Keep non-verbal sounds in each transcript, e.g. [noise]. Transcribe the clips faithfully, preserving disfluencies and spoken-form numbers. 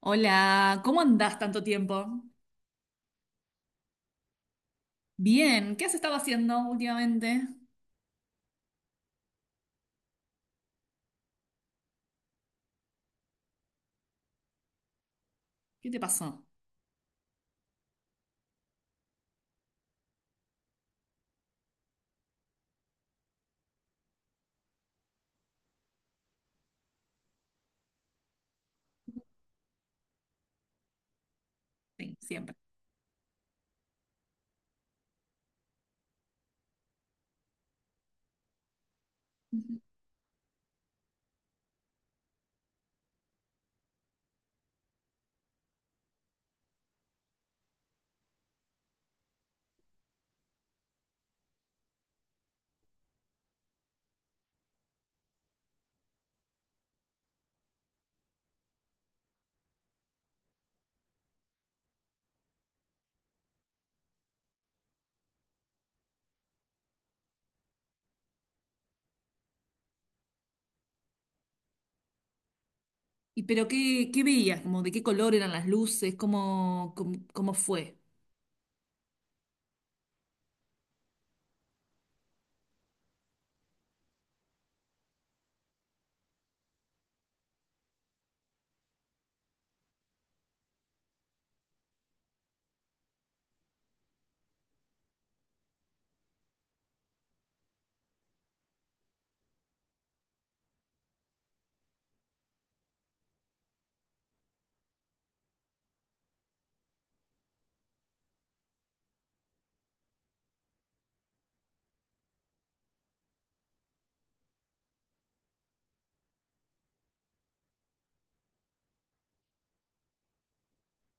Hola, ¿cómo andás tanto tiempo? Bien, ¿qué has estado haciendo últimamente? ¿Qué te pasó? Sí, siempre. Ujú. ¿Y pero qué, qué veías? ¿Como de qué color eran las luces? ¿Cómo, cómo, cómo fue?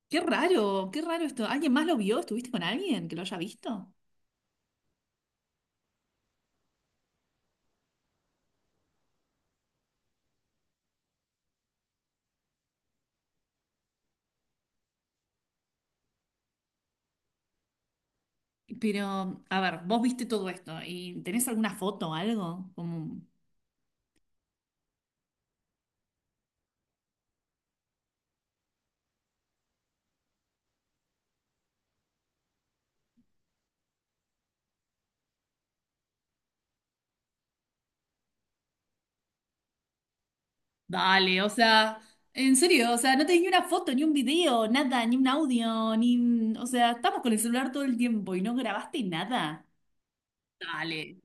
Qué raro, qué raro esto. ¿Alguien más lo vio? ¿Estuviste con alguien que lo haya visto? Pero, a ver, vos viste todo esto y ¿tenés alguna foto o algo? Como... Dale, o sea, en serio, o sea, no tenés ni una foto, ni un video, nada, ni un audio, ni... un- O sea, estamos con el celular todo el tiempo y no grabaste nada. Dale.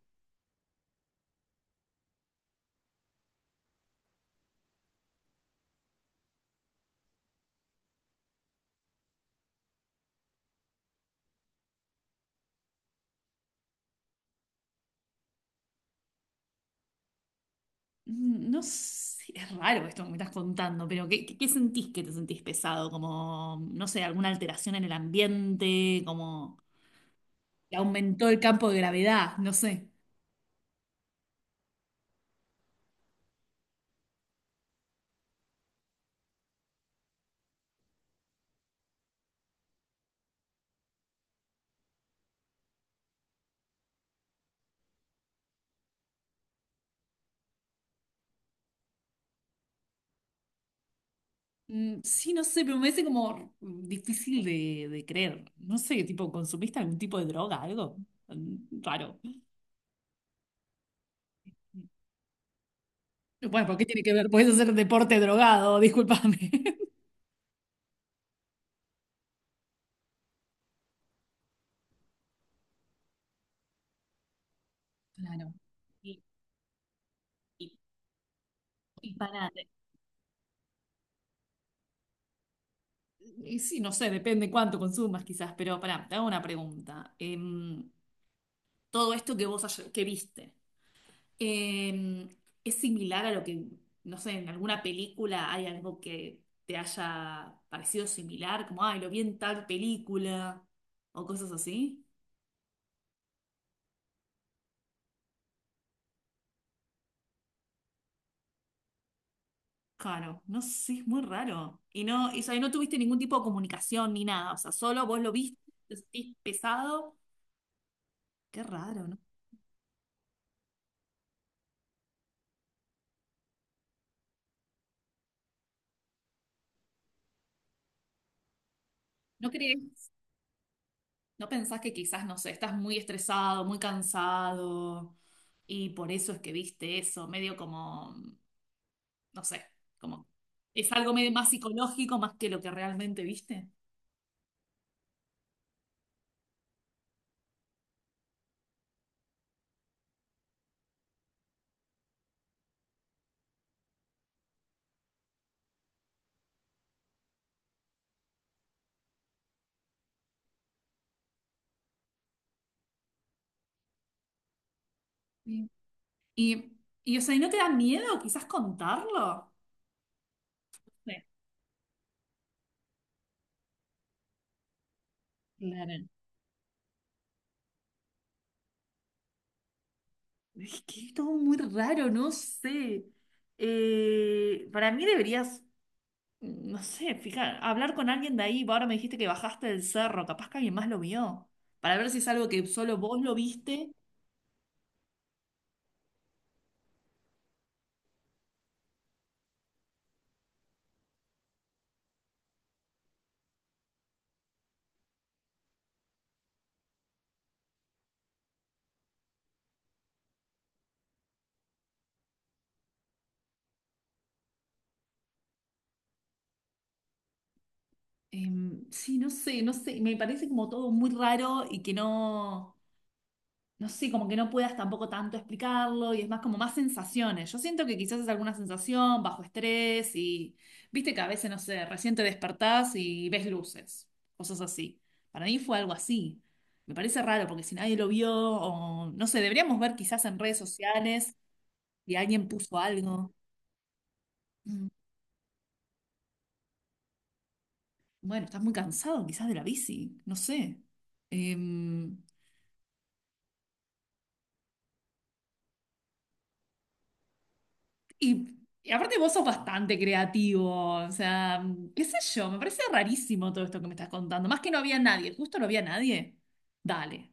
Mm, no sé, es raro esto que me estás contando, pero ¿qué, qué, qué sentís que te sentís pesado? Como, no sé, alguna alteración en el ambiente, como que aumentó el campo de gravedad, no sé. Mm, sí, no sé, pero me parece como difícil de, de creer. No sé, tipo, ¿consumiste algún tipo de droga, algo? Mm, raro. Bueno, ¿por qué tiene que ver? Podés hacer deporte drogado, [laughs] discúlpame. Claro. Y, y, y pará, de- y sí, no sé, depende cuánto consumas quizás, pero pará, te hago una pregunta. Em, todo esto que vos ayer- que viste, em, ¿es similar a lo que, no sé, en alguna película hay algo que te haya parecido similar? Como, ay, lo vi en tal película o cosas así. Claro, no sé, es muy raro. Y no, y, o sea, y no tuviste ningún tipo de comunicación ni nada, o sea, solo vos lo viste, te sentís pesado. Qué raro, ¿no? ¿No crees? ¿No pensás que quizás, no sé, estás muy estresado, muy cansado y por eso es que viste eso, medio como, no sé, como es algo medio más psicológico más que lo que realmente viste? Sí. Y, y, o sea, ¿y no te da miedo quizás contarlo? Sí. Claro. Es que es todo muy raro, no sé. Eh, para mí deberías, no sé, fijar, hablar con alguien de ahí. Ahora me dijiste que bajaste del cerro, capaz que alguien más lo vio. Para ver si es algo que solo vos lo viste. Em, sí, no sé, no sé. Me parece como todo muy raro y que no. No sé, como que no puedas tampoco tanto explicarlo y es más como más sensaciones. Yo siento que quizás es alguna sensación bajo estrés y viste que a veces, no sé, recién te despertás y ves luces, cosas así. Para mí fue algo así. Me parece raro porque si nadie lo vio o no sé, deberíamos ver quizás en redes sociales si alguien puso algo. Mm, bueno, estás muy cansado quizás de la bici, no sé. Em, Y, y aparte vos sos bastante creativo, o sea, qué sé yo, me parece rarísimo todo esto que me estás contando. Más que no había nadie, justo no había nadie. Dale.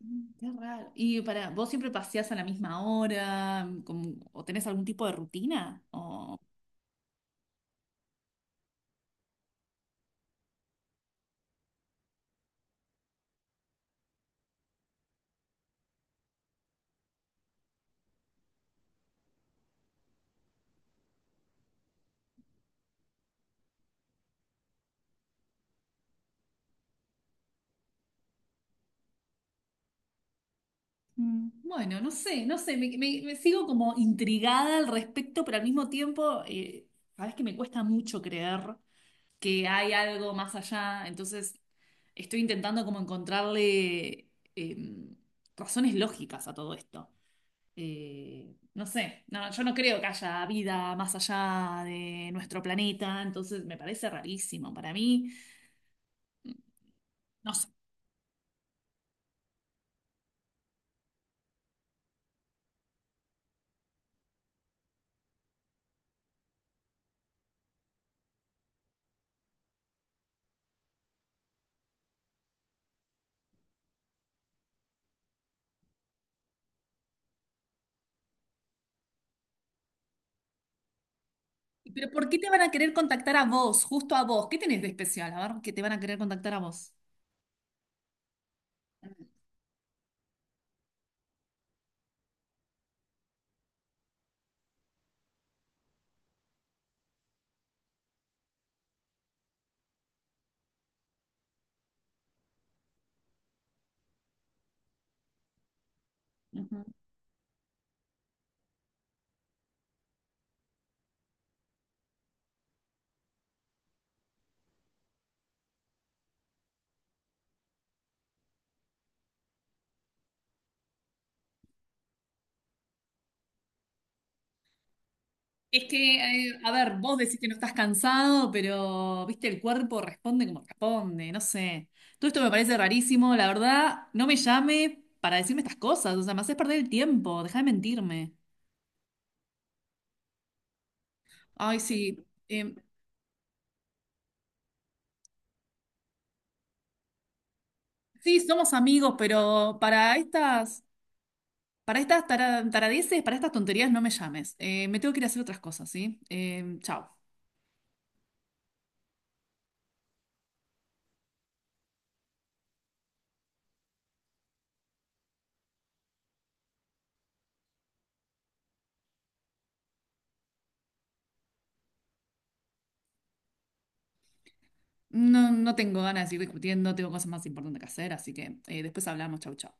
Mm, qué raro. Y para, ¿vos siempre paseás a la misma hora? Mm, ¿Con- ¿O tenés algún tipo de rutina? O, mm, bueno, no sé, no sé, me, me- me sigo como intrigada al respecto, pero al mismo tiempo, eh, sabes que me cuesta mucho creer que hay algo más allá. Entonces, estoy intentando como encontrarle em, razones lógicas a todo esto. Eh, no sé, no, yo no creo que haya vida más allá de nuestro planeta, entonces me parece rarísimo para mí. No sé. Pero ¿por qué te van a querer contactar a vos, justo a vos? ¿Qué tenés de especial? A ver, que te van a querer contactar a vos. Ujú. Es que, eh, a ver, vos decís que no estás cansado, pero, viste, el cuerpo responde como responde, no sé. Todo esto me parece rarísimo, la verdad, no me llame para decirme estas cosas, o sea, me haces perder el tiempo, dejá de mentirme. Ay, sí, eh, sí, somos amigos, pero para estas, para estas tara- taradeces, para estas tonterías no me llames. Eh, me tengo que ir a hacer otras cosas, ¿sí? Eh, chao. No, no tengo ganas de seguir discutiendo, tengo cosas más importantes que hacer, así que eh, después hablamos, chau, chau.